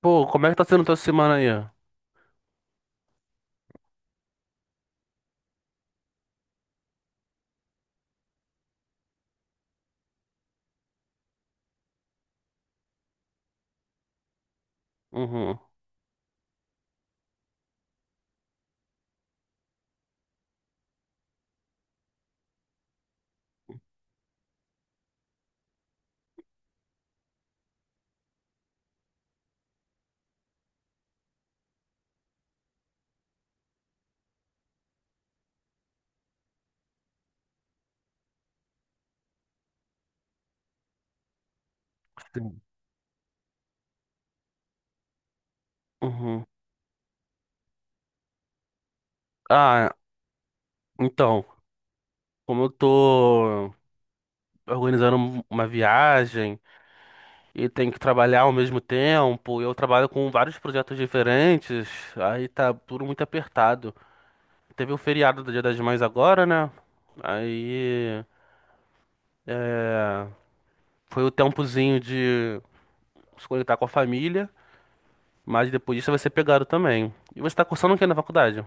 Pô, como é que tá sendo tua semana aí? Uhum. Sim. Uhum. Ah, então, como eu tô organizando uma viagem e tenho que trabalhar ao mesmo tempo, eu trabalho com vários projetos diferentes, aí tá tudo muito apertado. Teve o feriado do Dia das Mães agora, né? Aí, é, foi o tempozinho de se conectar com a família, mas depois disso vai ser pegado também. E você tá cursando o quê na faculdade?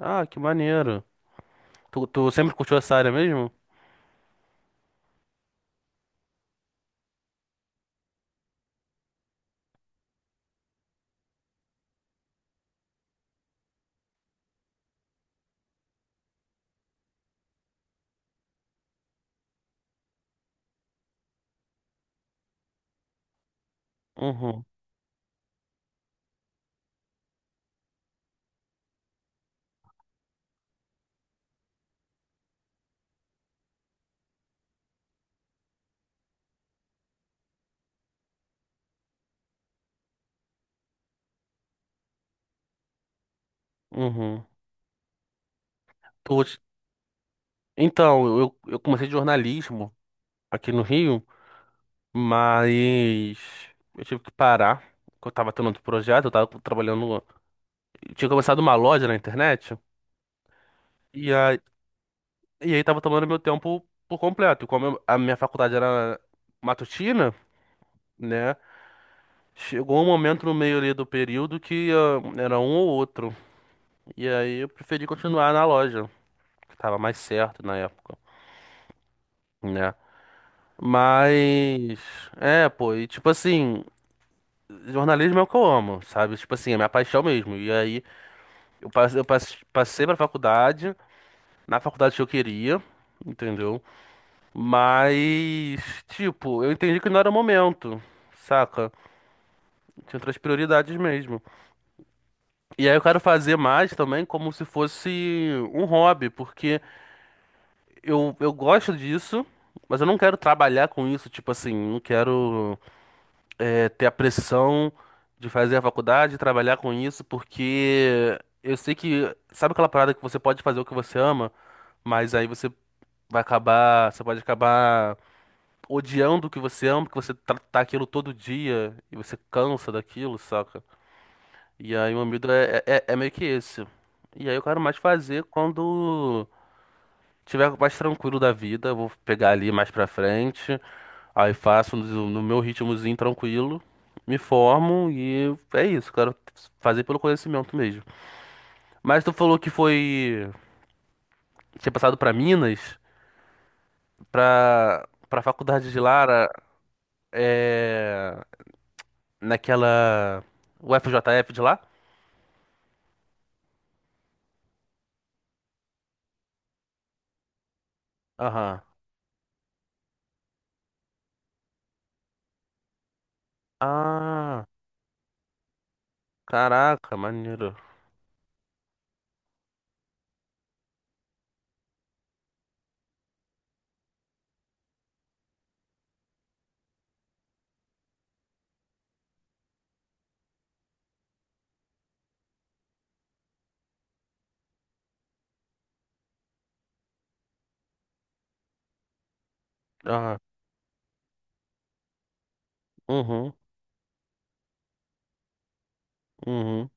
Ah, que maneiro. Tu sempre curtiu essa área mesmo? Uhum, uhum. Tu- então, eu comecei jornalismo aqui no Rio, mas eu tive que parar, porque eu tava tendo outro projeto, eu tava trabalhando. Eu tinha começado uma loja na internet, e aí, e aí tava tomando meu tempo por completo. E como a minha faculdade era matutina, né? Chegou um momento no meio ali do período que ah, era um ou outro. E aí eu preferi continuar na loja, que tava mais certo na época, né? Mas. É, pô, e tipo assim, jornalismo é o que eu amo, sabe? Tipo assim, é minha paixão mesmo. E aí, passei pra faculdade, na faculdade que eu queria, entendeu? Mas, tipo, eu entendi que não era o momento, saca? Tinha outras prioridades mesmo. E aí eu quero fazer mais também como se fosse um hobby, porque eu gosto disso, mas eu não quero trabalhar com isso, tipo assim, não quero ter a pressão de fazer a faculdade, trabalhar com isso, porque eu sei que, sabe aquela parada que você pode fazer o que você ama, mas aí você vai acabar, você pode acabar odiando o que você ama, porque você tá aquilo todo dia e você cansa daquilo, saca? E aí o meu medo é meio que esse. E aí eu quero mais fazer quando tiver mais tranquilo da vida, eu vou pegar ali mais pra frente. Aí faço no meu ritmozinho tranquilo, me formo e é isso, quero fazer pelo conhecimento mesmo. Mas tu falou que foi, tinha passado pra Minas, pra para faculdade de Lara, é naquela UFJF de lá? Aham. Ah, caraca, maneiro. Aham. Uhum, uhum,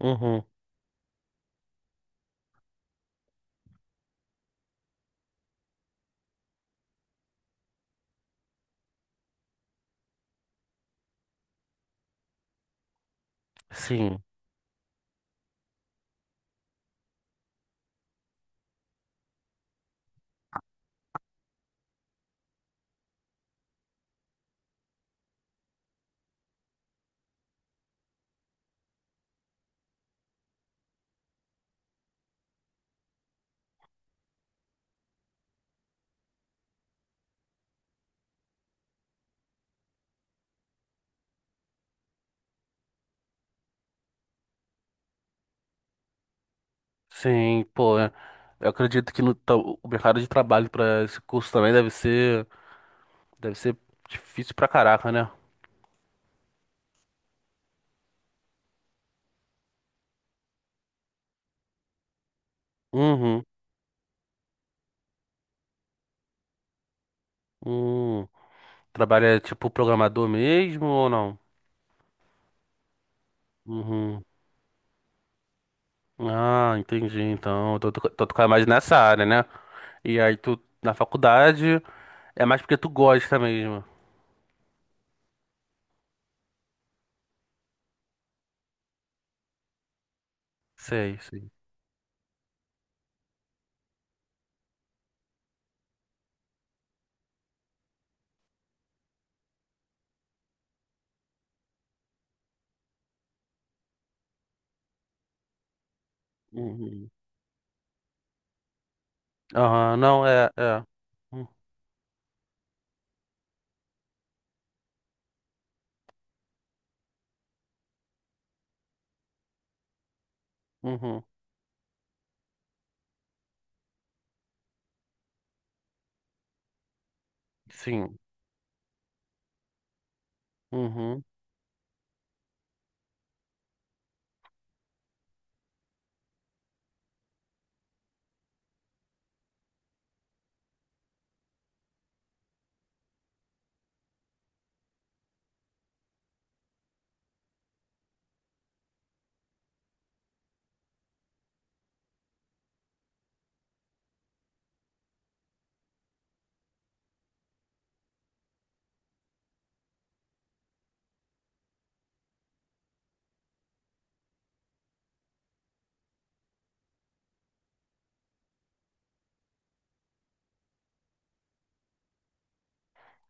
uhum. Sim, sim, pô. Eu acredito que no, o mercado de trabalho para esse curso também deve ser. Deve ser difícil pra caraca, né? Uhum. Hum. Trabalha tipo programador mesmo ou não? Uhum. Ah, entendi. Então, tu toca mais nessa área, né? E aí tu na faculdade é mais porque tu gosta mesmo. Sei, sei. Uhum. Aham, não, é, é. Hum. Uhum. Sim. Uhum.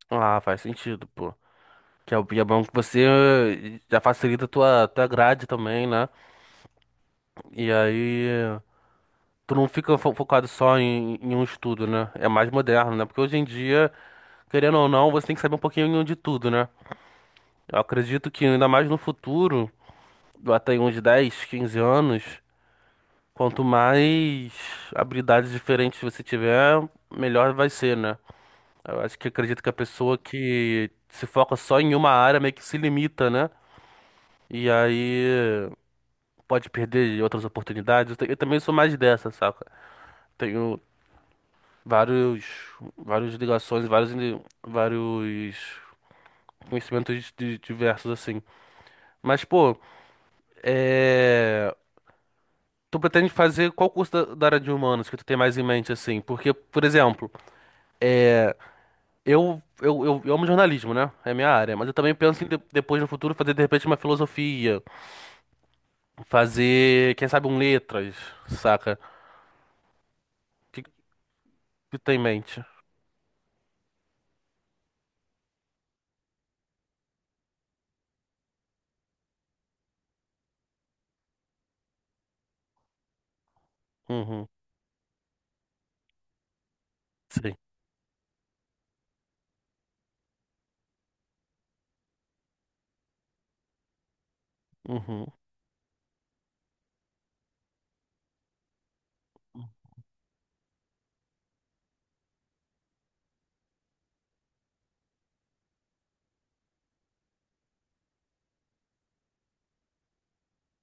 Ah, faz sentido, pô. Que é e é bom que você já facilita a tua grade também, né? E aí. Tu não fica focado só em, em um estudo, né? É mais moderno, né? Porque hoje em dia, querendo ou não, você tem que saber um pouquinho de tudo, né? Eu acredito que ainda mais no futuro, até em uns 10, 15 anos, quanto mais habilidades diferentes você tiver, melhor vai ser, né? Eu acho que acredito que a pessoa que se foca só em uma área meio que se limita, né? E aí pode perder outras oportunidades. Eu também sou mais dessa, saca? Tenho, vários, vários ligações, vários, vários conhecimentos diversos assim. Mas, pô, é... tu pretende fazer qual curso da, da área de humanos que tu tem mais em mente assim? Porque, por exemplo, é... eu amo jornalismo, né? É minha área, mas eu também penso em depois no futuro fazer de repente uma filosofia, fazer, quem sabe, um letras, saca? O que que tu tem em mente? Uhum. Sim. Uhum.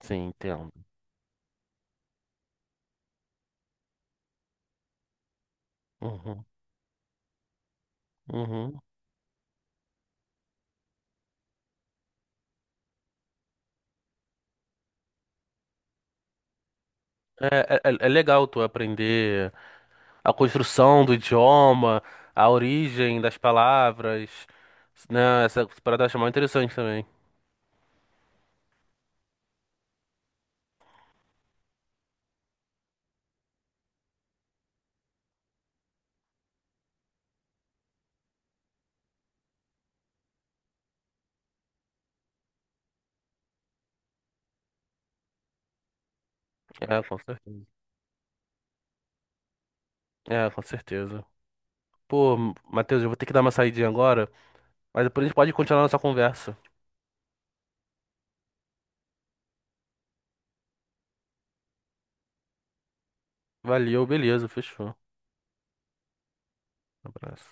Sim, entendo. Uhum. Uhum. É, é, é legal tu aprender a construção do idioma, a origem das palavras, né? Essa parada eu acho mó interessante também. É, com certeza. É, com certeza. Pô, Matheus, eu vou ter que dar uma saidinha agora, mas depois a gente pode continuar nossa conversa. Valeu, beleza, fechou. Abraço.